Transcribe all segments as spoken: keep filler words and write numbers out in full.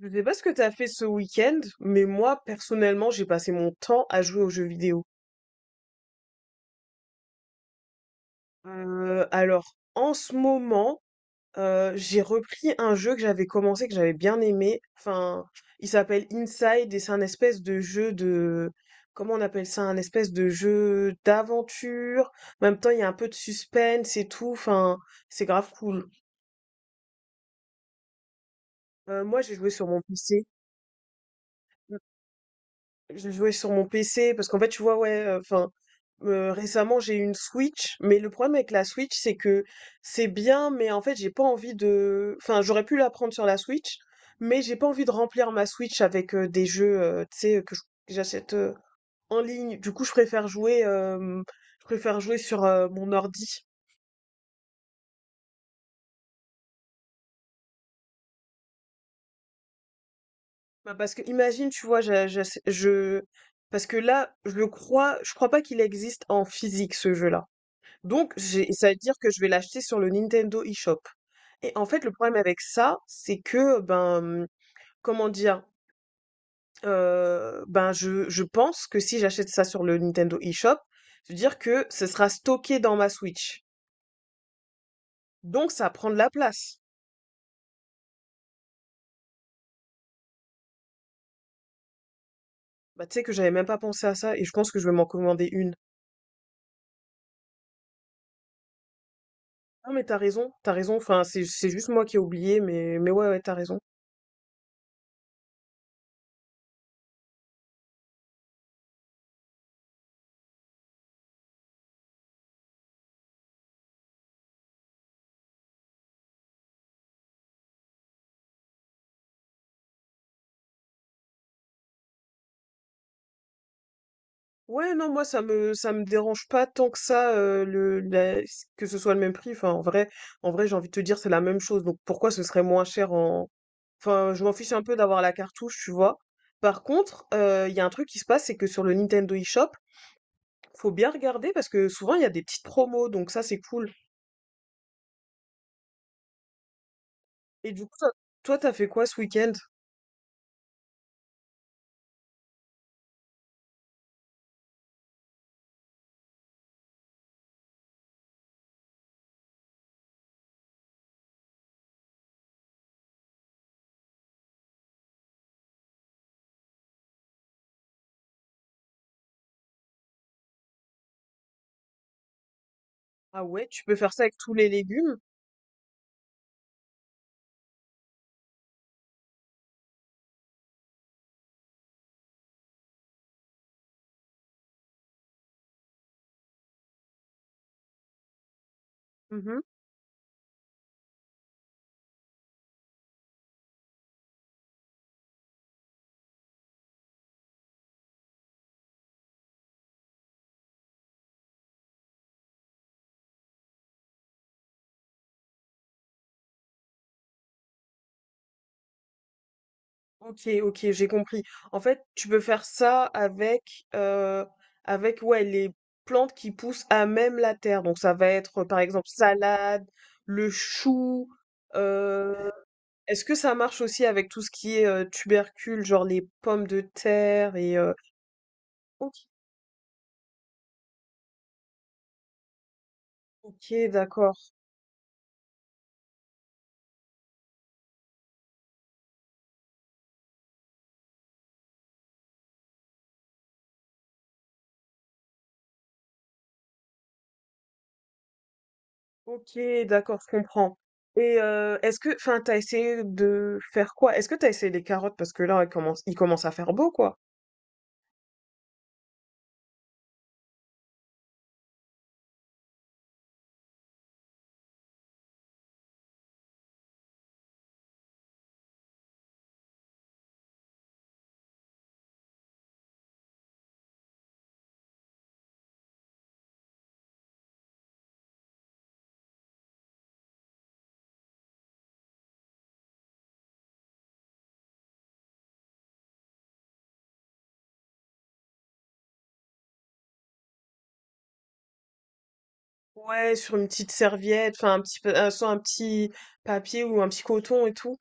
Je sais pas ce que t'as fait ce week-end, mais moi, personnellement, j'ai passé mon temps à jouer aux jeux vidéo. Euh, alors, en ce moment, euh, j'ai repris un jeu que j'avais commencé, que j'avais bien aimé. Enfin, il s'appelle Inside et c'est un espèce de jeu de... Comment on appelle ça? Un espèce de jeu d'aventure. En même temps, il y a un peu de suspense et tout. Enfin, c'est grave cool. Euh, moi, j'ai joué sur mon P C. Je jouais sur mon P C parce qu'en fait, tu vois, ouais, euh, enfin, euh, récemment j'ai eu une Switch, mais le problème avec la Switch, c'est que c'est bien, mais en fait, j'ai pas envie de. Enfin, j'aurais pu la prendre sur la Switch, mais j'ai pas envie de remplir ma Switch avec euh, des jeux, euh, tu sais, que je- que j'achète euh, en ligne. Du coup, je préfère jouer, euh, je préfère jouer sur euh, mon ordi. Bah, parce que imagine, tu vois, j'a- j'ass- je, parce que là, je le crois, je crois pas qu'il existe en physique ce jeu-là. Donc, j'ai, ça veut dire que je vais l'acheter sur le Nintendo eShop. Et en fait, le problème avec ça, c'est que, ben, comment dire, euh, ben, je, je pense que si j'achète ça sur le Nintendo eShop, je veux dire que ce sera stocké dans ma Switch. Donc, ça prend de la place. Bah, tu sais que j'avais même pas pensé à ça et je pense que je vais m'en commander une. Non, mais t'as raison, t'as raison. Enfin, c'est, c'est juste moi qui ai oublié, mais, mais ouais, ouais, t'as raison. Ouais, non, moi, ça me, ça me dérange pas tant que ça, euh, le, la- que ce soit le même prix. Enfin, en vrai, en vrai, j'ai envie de te dire, c'est la même chose. Donc, pourquoi ce serait moins cher en, enfin, je m'en fiche un peu d'avoir la cartouche, tu vois. Par contre, euh, il y a un truc qui se passe, c'est que sur le Nintendo eShop, faut bien regarder parce que souvent, il y a des petites promos. Donc, ça, c'est cool. Et du coup, toi, toi, t'as fait quoi ce week-end? Ah ouais, tu peux faire ça avec tous les légumes? Ok, ok, j'ai compris. En fait, tu peux faire ça avec, euh, avec ouais, les plantes qui poussent à même la terre. Donc ça va être par exemple salade, le chou. euh, Est-ce que ça marche aussi avec tout ce qui est euh, tubercules, genre les pommes de terre et euh, ok, ok, d'accord. Ok, d'accord, je comprends. Et euh, est-ce que, enfin, t'as essayé de faire quoi? Est-ce que t'as essayé les carottes? Parce que là, il commence, il commence à faire beau, quoi. Ouais, sur une petite serviette, enfin, un petit, peu- euh, soit un petit papier ou un petit coton et tout.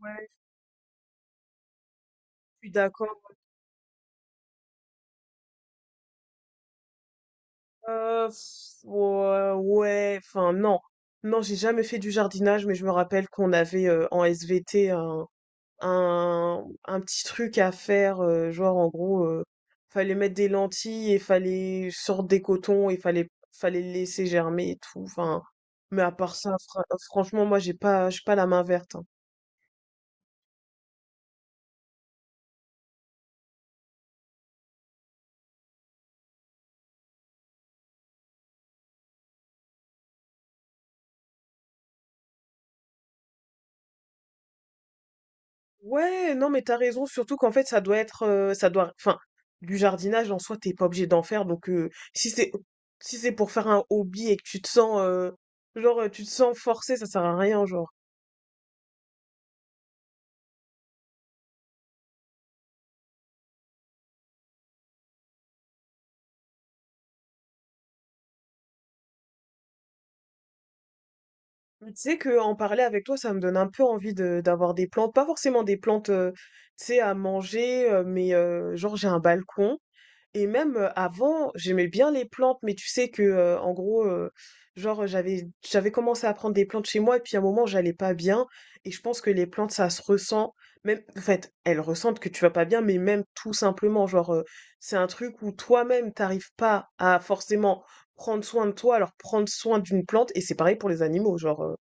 Ouais, je suis d'accord. Euh, pff, ouais, ouais, enfin, non. Non, j'ai jamais fait du jardinage, mais je me rappelle qu'on avait euh, en S V T un, un petit truc à faire, euh, genre en gros, euh, fallait mettre des lentilles et fallait sortir des cotons et fallait fallait le laisser germer et tout. Enfin, mais à part ça, fra- franchement, moi j'ai pas j'ai pas la main verte, hein. Ouais, non mais t'as raison, surtout qu'en fait ça doit être euh, ça doit enfin du jardinage en soi t'es pas obligé d'en faire donc euh, si c'est si c'est pour faire un hobby et que tu te sens euh, genre euh, tu te sens forcé, ça sert à rien, genre. Mais tu sais que en parler avec toi, ça me donne un peu envie de d'avoir des plantes, pas forcément des plantes, euh, tu sais, à manger, euh, mais euh, genre j'ai un balcon. Et même euh, avant, j'aimais bien les plantes, mais tu sais que euh, en gros, euh, genre j'avais j'avais commencé à prendre des plantes chez moi, et puis à un moment j'allais pas bien. Et je pense que les plantes, ça se ressent. Même, en fait, elles ressentent que tu vas pas bien, mais même tout simplement, genre, euh, c'est un truc où toi-même t'arrives pas à forcément prendre soin de toi, alors prendre soin d'une plante, et c'est pareil pour les animaux, genre, euh.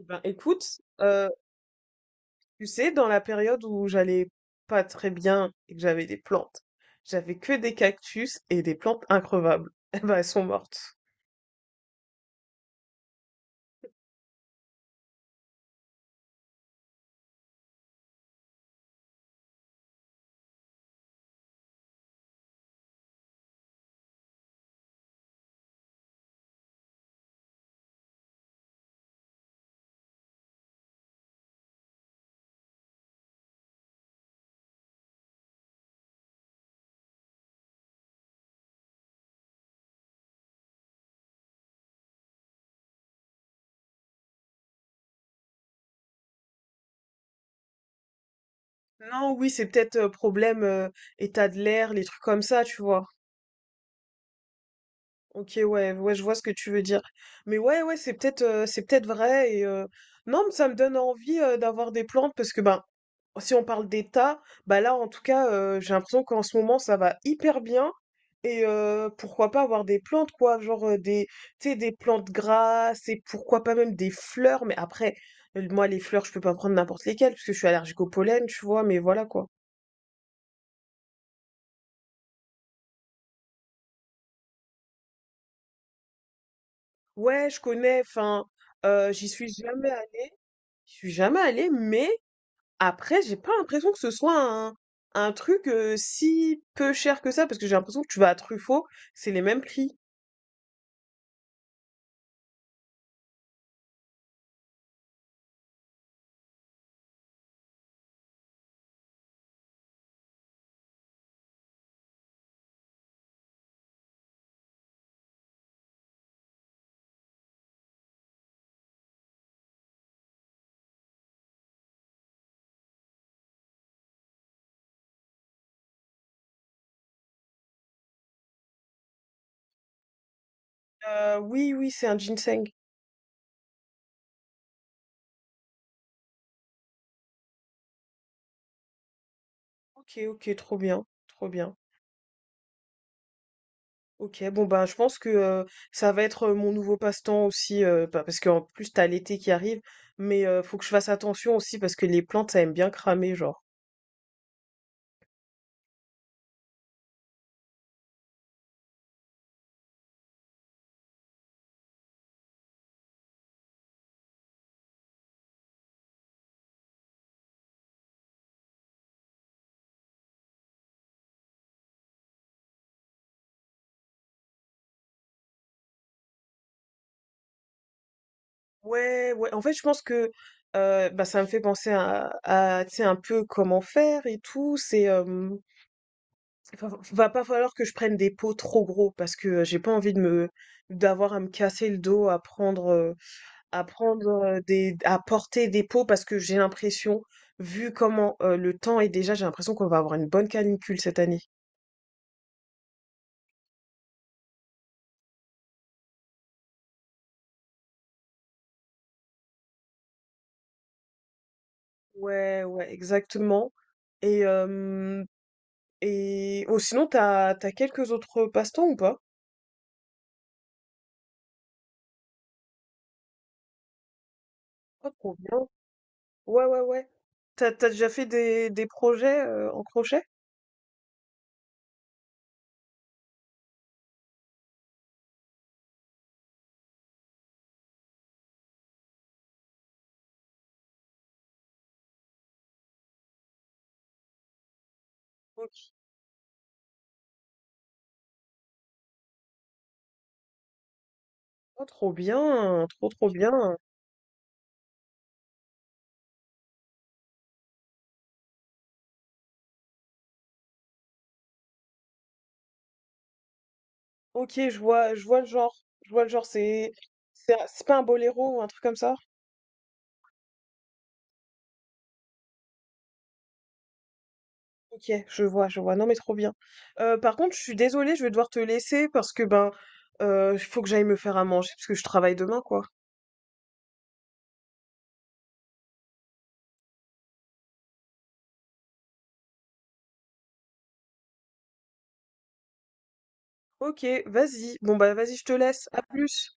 Eh ben, écoute, euh, tu sais, dans la période où j'allais pas très bien et que j'avais des plantes, j'avais que des cactus et des plantes increvables. Eh ben, elles sont mortes. Non, oui, c'est peut-être euh, problème euh, état de l'air, les trucs comme ça, tu vois. Ok, ouais, ouais, je vois ce que tu veux dire. Mais ouais, ouais, c'est peut-être euh, c'est peut-être vrai. Et, euh, Non, mais ça me donne envie euh, d'avoir des plantes parce que ben, si on parle d'état, bah là, en tout cas, euh, j'ai l'impression qu'en ce moment, ça va hyper bien. Et euh, pourquoi pas avoir des plantes, quoi, genre euh, des, tu sais, des plantes grasses et pourquoi pas même des fleurs. Mais après, euh, moi, les fleurs, je peux pas prendre n'importe lesquelles parce que je suis allergique au pollen, tu vois. Mais voilà quoi. Ouais, je connais, enfin, heu, j'y suis jamais allée j'y suis jamais allée, mais après, j'ai pas l'impression que ce soit un un truc, heu, si peu cher que ça, parce que j'ai l'impression que tu vas à Truffaut, c'est les mêmes prix. Heu, oui, oui, c'est un ginseng. OK, OK, trop bien, trop bien. Ok, bon ben je pense que euh, ça va être euh, mon nouveau passe-temps aussi, euh, bah, parce qu'en plus t'as l'été qui arrive, mais euh, faut que je fasse attention aussi parce que les plantes ça aime bien cramer, genre. Ouais, ouais. En fait, je pense que euh, bah, ça me fait penser à, à, tu sais, un peu comment faire et tout. C'est euh, Va va pas falloir que je prenne des pots trop gros parce que euh, j'ai pas envie de me d'avoir à me casser le dos à prendre euh, à prendre euh, des à porter des pots parce que j'ai l'impression vu comment euh, le temps est déjà, j'ai l'impression qu'on va avoir une bonne canicule cette année. Ouais, ouais, exactement. Et euh, et oh sinon t'as t'as quelques autres passe-temps ou pas? Pas trop bien. Ouais, ouais, ouais. T'as, t'as déjà fait des, des projets euh, en crochet? Ok, oh, trop bien, trop trop bien. Ok, je vois, je vois le genre. Je vois le genre, c'est c'est un- c'est pas un boléro ou un truc comme ça? Ok, je vois, je vois. Non mais trop bien. Euh, par contre, je suis désolée, je vais devoir te laisser parce que ben, euh, il faut que j'aille me faire à manger parce que je travaille demain, quoi. Ok, vas-y. Bon bah vas-y, je te laisse. À plus.